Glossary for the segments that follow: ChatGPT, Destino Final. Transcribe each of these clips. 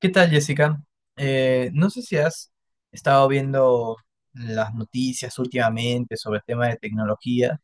¿Qué tal, Jessica? No sé si has estado viendo las noticias últimamente sobre el tema de tecnología,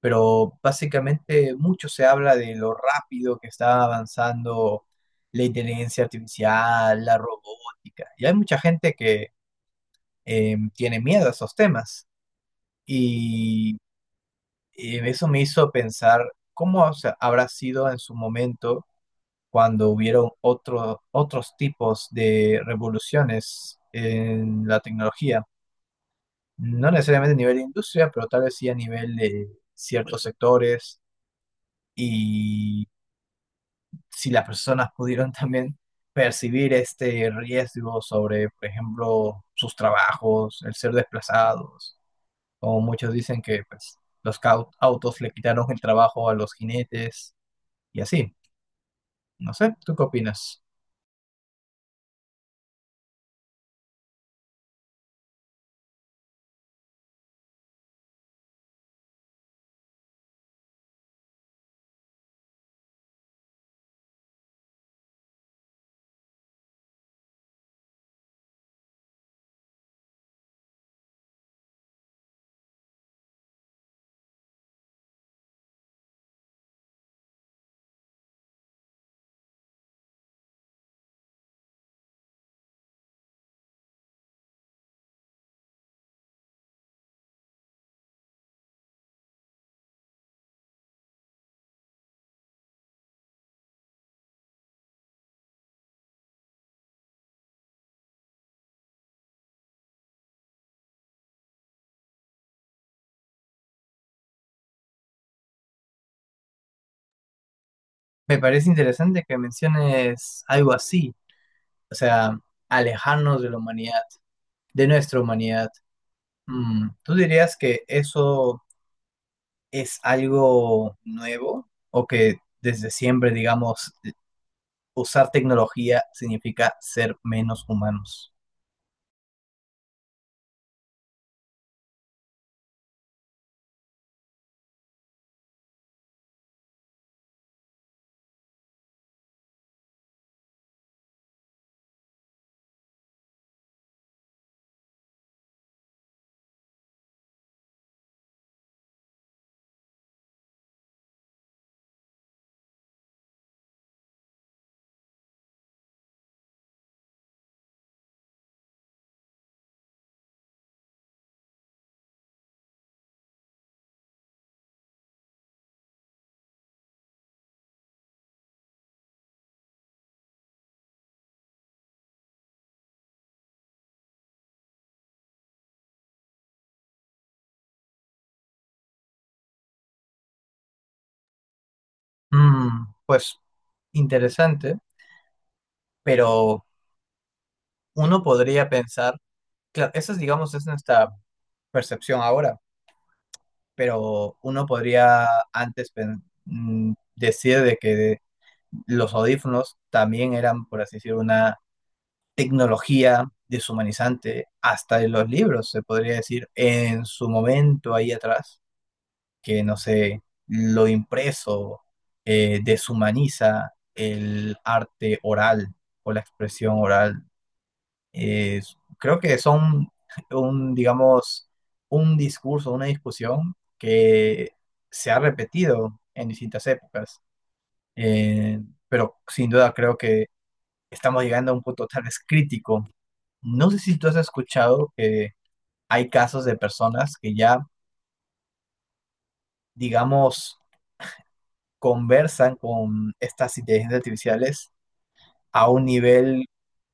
pero básicamente mucho se habla de lo rápido que está avanzando la inteligencia artificial, la robótica, y hay mucha gente que tiene miedo a esos temas. Y eso me hizo pensar cómo, o sea, habrá sido en su momento cuando hubieron otros tipos de revoluciones en la tecnología, no necesariamente a nivel de industria, pero tal vez sí a nivel de ciertos sectores, y si las personas pudieron también percibir este riesgo sobre, por ejemplo, sus trabajos, el ser desplazados, como muchos dicen que, pues, los autos le quitaron el trabajo a los jinetes y así. No sé, ¿tú qué opinas? Me parece interesante que menciones algo así, o sea, alejarnos de la humanidad, de nuestra humanidad. Mm, ¿tú dirías que eso es algo nuevo o que desde siempre, digamos, usar tecnología significa ser menos humanos? Mm, pues interesante, pero uno podría pensar, claro, esa es, digamos, es nuestra percepción ahora. Pero uno podría antes decir de que los audífonos también eran, por así decir, una tecnología deshumanizante, hasta en los libros, se podría decir, en su momento ahí atrás, que no sé, lo impreso deshumaniza el arte oral o la expresión oral. eh, Creo que son un, digamos, un discurso, una discusión que se ha repetido en distintas épocas. Eh, pero sin duda creo que estamos llegando a un punto tal vez crítico. No sé si tú has escuchado que hay casos de personas que ya, digamos, conversan con estas inteligencias artificiales a un nivel,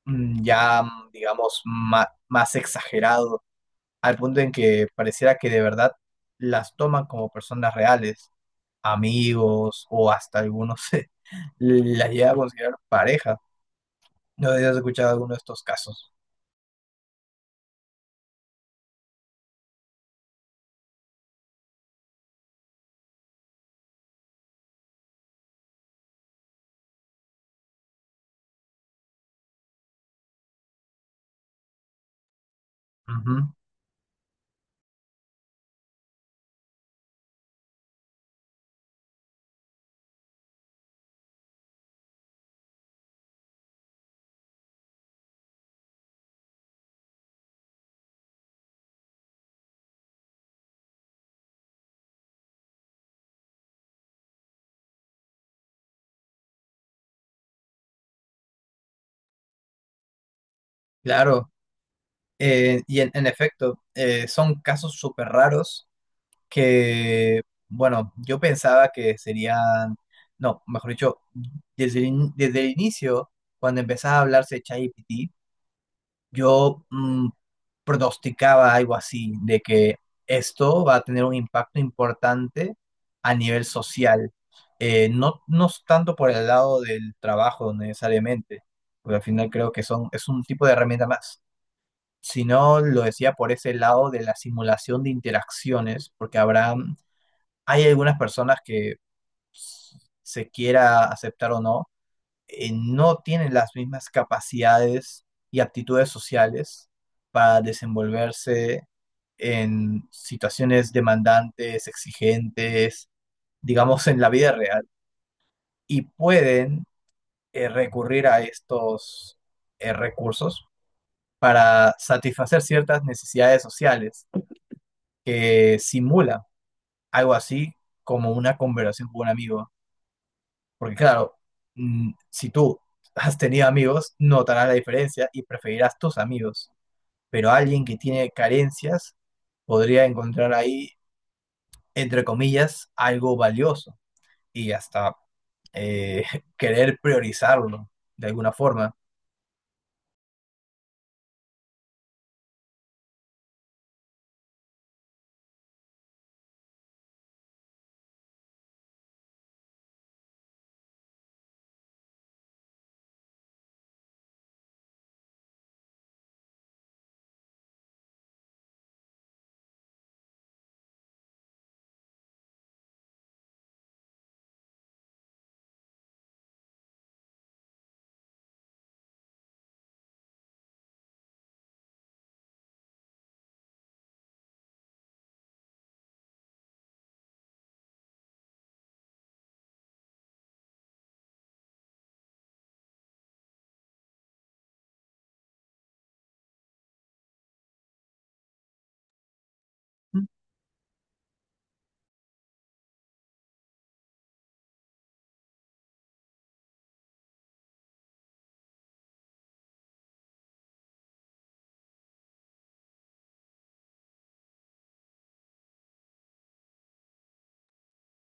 mm, ya, digamos, más exagerado, al punto en que pareciera que de verdad las toman como personas reales, amigos, o hasta algunos se las llega a considerar pareja. No sé si has escuchado alguno de estos casos. Ujú. Claro, y en efecto, son casos súper raros que, bueno, yo pensaba que serían, no, mejor dicho, desde desde el inicio, cuando empezaba a hablarse de ChatGPT, yo, pronosticaba algo así, de que esto va a tener un impacto importante a nivel social. No, no es tanto por el lado del trabajo necesariamente, porque al final creo que son, es un tipo de herramienta más, sino lo decía por ese lado de la simulación de interacciones, porque habrá, hay algunas personas que, se quiera aceptar o no, no tienen las mismas capacidades y aptitudes sociales para desenvolverse en situaciones demandantes, exigentes, digamos en la vida real, y pueden recurrir a estos recursos para satisfacer ciertas necesidades sociales que simula algo así como una conversación con un amigo. Porque claro, mm, si tú has tenido amigos, notarás la diferencia y preferirás tus amigos. Pero alguien que tiene carencias podría encontrar ahí, entre comillas, algo valioso y hasta eh, querer priorizarlo de alguna forma.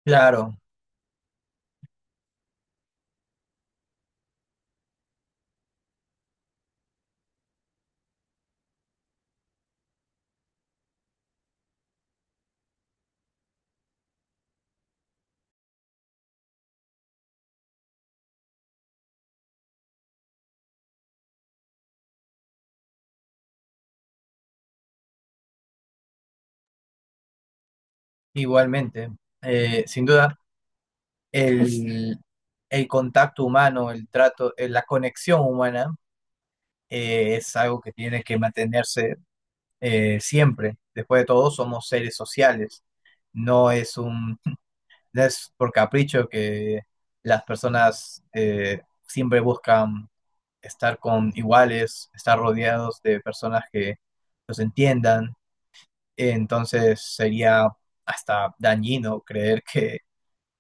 Claro, igualmente, sin duda, el, el contacto humano, el trato, la conexión humana es algo que tiene que mantenerse siempre. Después de todo, somos seres sociales. No es un, no es por capricho que las personas siempre buscan estar con iguales, estar rodeados de personas que los entiendan. Entonces sería hasta dañino creer que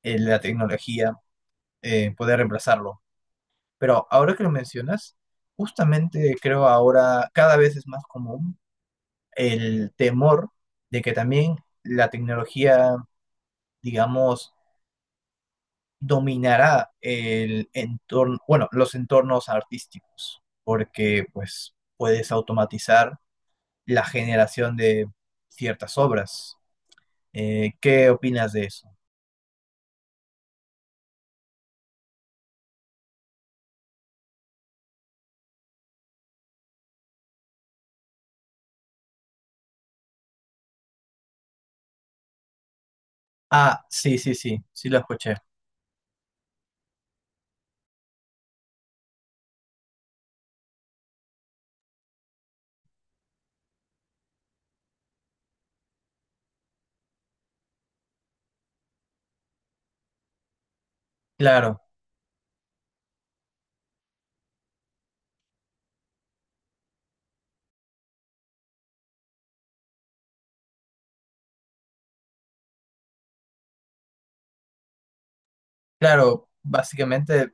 la tecnología puede reemplazarlo. Pero ahora que lo mencionas, justamente creo ahora cada vez es más común el temor de que también la tecnología, digamos, dominará el entorno, bueno, los entornos artísticos, porque pues puedes automatizar la generación de ciertas obras. ¿Qué opinas de eso? Ah, sí, sí, sí, sí lo escuché. Claro, claro, básicamente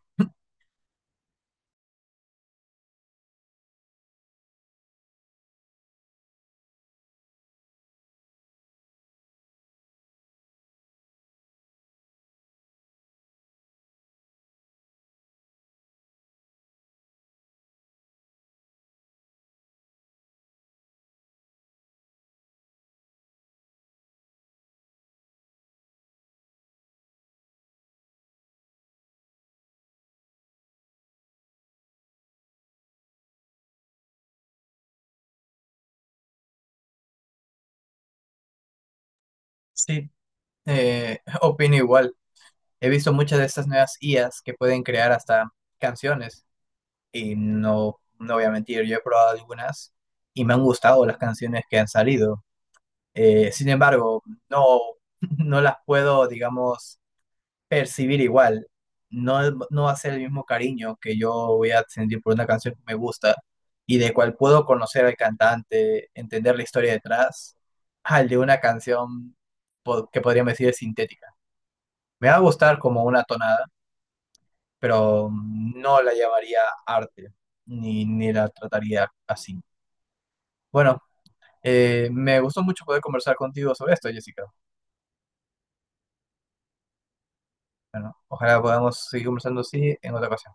sí, opino igual. He visto muchas de estas nuevas IAs que pueden crear hasta canciones. Y no, no voy a mentir, yo he probado algunas y me han gustado las canciones que han salido. Sin embargo, no, no las puedo, digamos, percibir igual. No, no va a ser el mismo cariño que yo voy a sentir por una canción que me gusta y de cual puedo conocer al cantante, entender la historia detrás, al de una canción que podríamos decir es sintética. Me va a gustar como una tonada, pero no la llamaría arte, ni, ni la trataría así. Bueno, me gustó mucho poder conversar contigo sobre esto, Jessica. Bueno, ojalá podamos seguir conversando así en otra ocasión.